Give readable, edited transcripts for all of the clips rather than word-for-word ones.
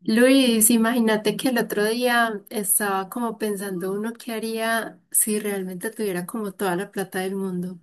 Luis, imagínate que el otro día estaba como pensando uno qué haría si realmente tuviera como toda la plata del mundo.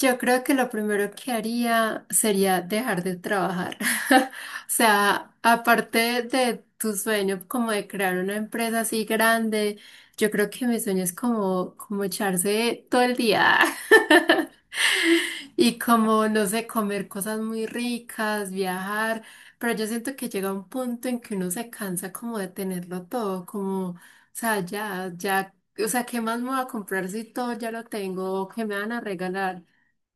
Yo creo que lo primero que haría sería dejar de trabajar. O sea, aparte de tu sueño como de crear una empresa así grande, yo creo que mi sueño es como, como echarse todo el día. Y como, no sé, comer cosas muy ricas, viajar. Pero yo siento que llega un punto en que uno se cansa como de tenerlo todo, como, o sea, ya, ya, o sea, ¿qué más me voy a comprar si todo ya lo tengo? ¿O qué me van a regalar?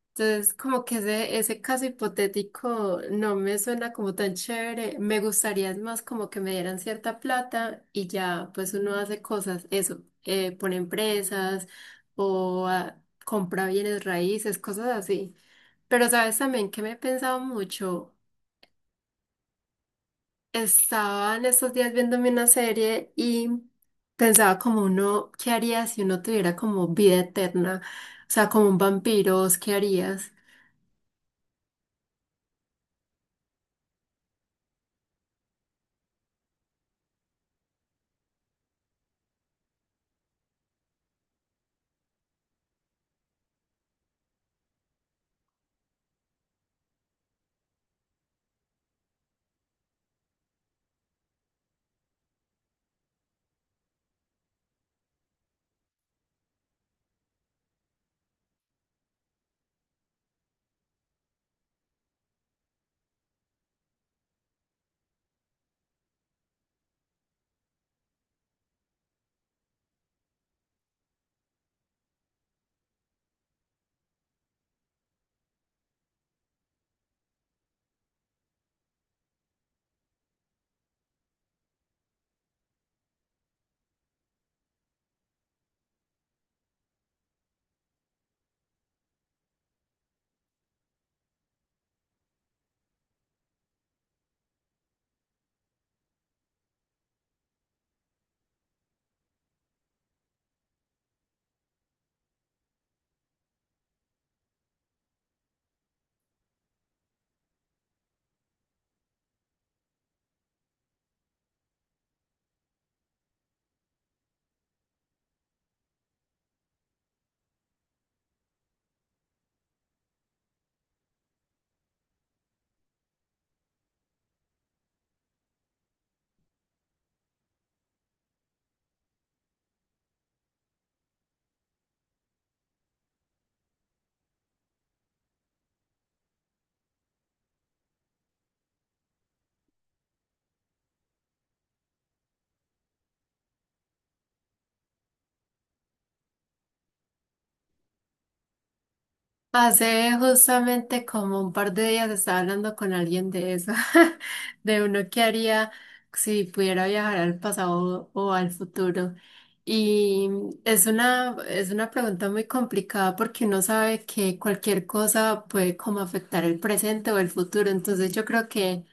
Entonces, como que ese caso hipotético no me suena como tan chévere. Me gustaría es más como que me dieran cierta plata y ya, pues uno hace cosas, eso, pone empresas o compra bienes raíces, cosas así. Pero sabes también que me he pensado mucho. Estaba en estos días viéndome una serie y pensaba como uno, ¿qué haría si uno tuviera como vida eterna? O sea, como un vampiro, ¿vos ¿qué harías? Hace justamente como un par de días estaba hablando con alguien de eso, de uno que haría si pudiera viajar al pasado o al futuro. Y es una pregunta muy complicada porque uno sabe que cualquier cosa puede como afectar el presente o el futuro. Entonces yo creo que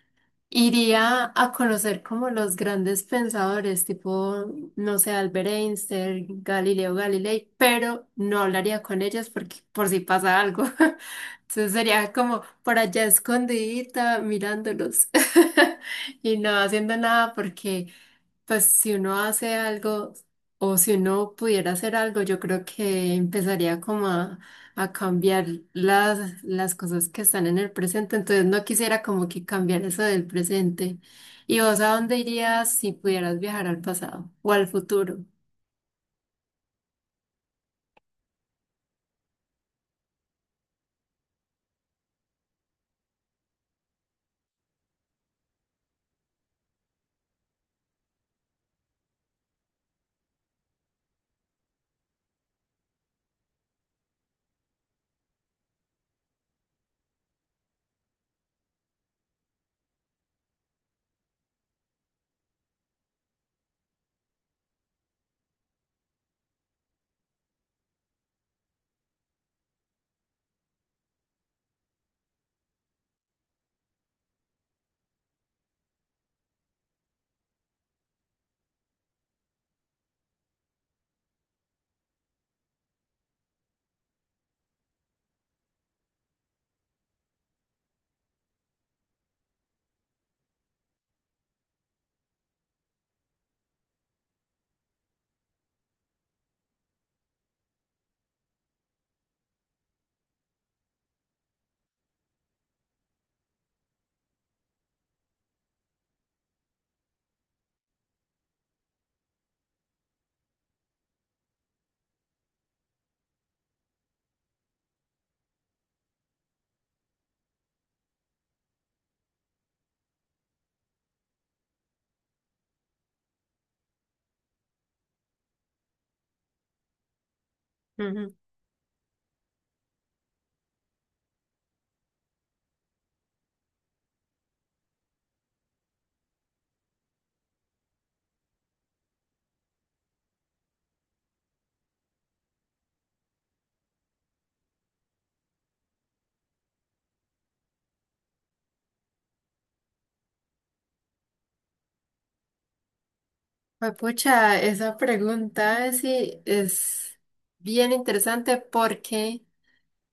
iría a conocer como los grandes pensadores, tipo, no sé, Albert Einstein, Galileo Galilei, pero no hablaría con ellos porque por si pasa algo. Entonces sería como por allá escondidita mirándolos y no haciendo nada porque pues si uno hace algo o si uno pudiera hacer algo, yo creo que empezaría como a cambiar las cosas que están en el presente, entonces no quisiera como que cambiar eso del presente. ¿Y vos a dónde irías si pudieras viajar al pasado o al futuro? Ujú. Pues, Pucha, esa pregunta es, sí es bien interesante porque, o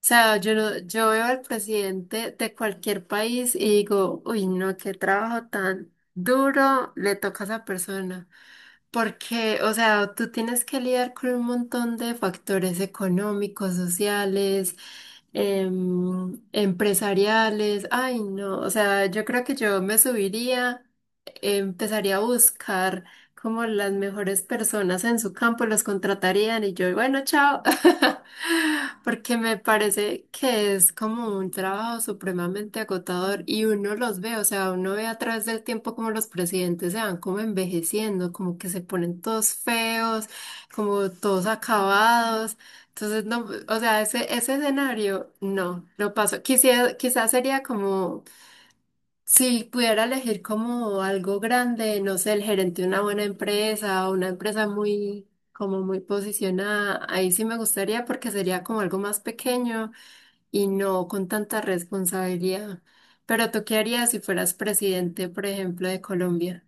sea, yo, yo veo al presidente de cualquier país y digo, uy, no, qué trabajo tan duro le toca a esa persona. Porque, o sea, tú tienes que lidiar con un montón de factores económicos, sociales, empresariales. Ay, no, o sea, yo creo que yo me subiría, empezaría a buscar como las mejores personas en su campo, los contratarían y yo, bueno, chao. Porque me parece que es como un trabajo supremamente agotador y uno los ve, o sea, uno ve a través del tiempo como los presidentes se van como envejeciendo, como que se ponen todos feos, como todos acabados. Entonces, no, o sea, ese escenario, no, lo paso. Quisiera, quizás sería como si pudiera elegir como algo grande, no sé, el gerente de una buena empresa o una empresa muy, como muy posicionada, ahí sí me gustaría porque sería como algo más pequeño y no con tanta responsabilidad. Pero ¿tú qué harías si fueras presidente, por ejemplo, de Colombia?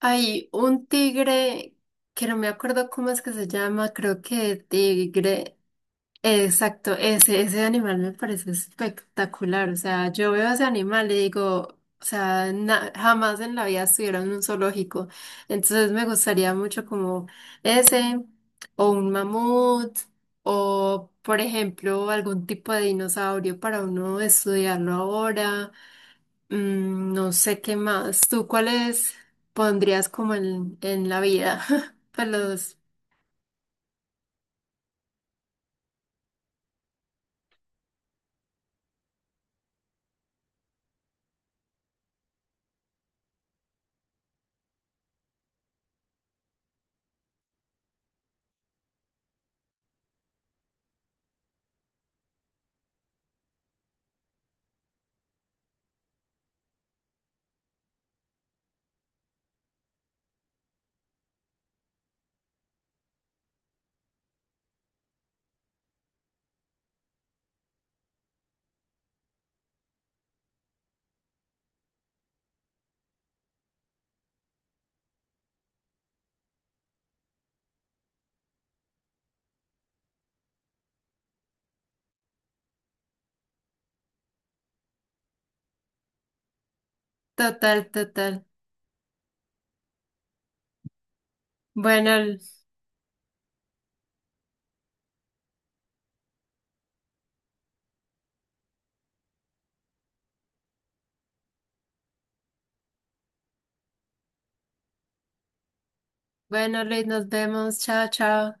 Hay un tigre que no me acuerdo cómo es que se llama, creo que tigre. Exacto, ese animal me parece espectacular. O sea, yo veo ese animal y digo, o sea, jamás en la vida estuviera en un zoológico. Entonces me gustaría mucho como ese, o un mamut, o por ejemplo, algún tipo de dinosaurio para uno estudiarlo ahora. No sé qué más. ¿Tú cuáles pondrías como en la vida? Pues los, total, total. Bueno. Bueno, Luis, nos vemos. Chao, chao.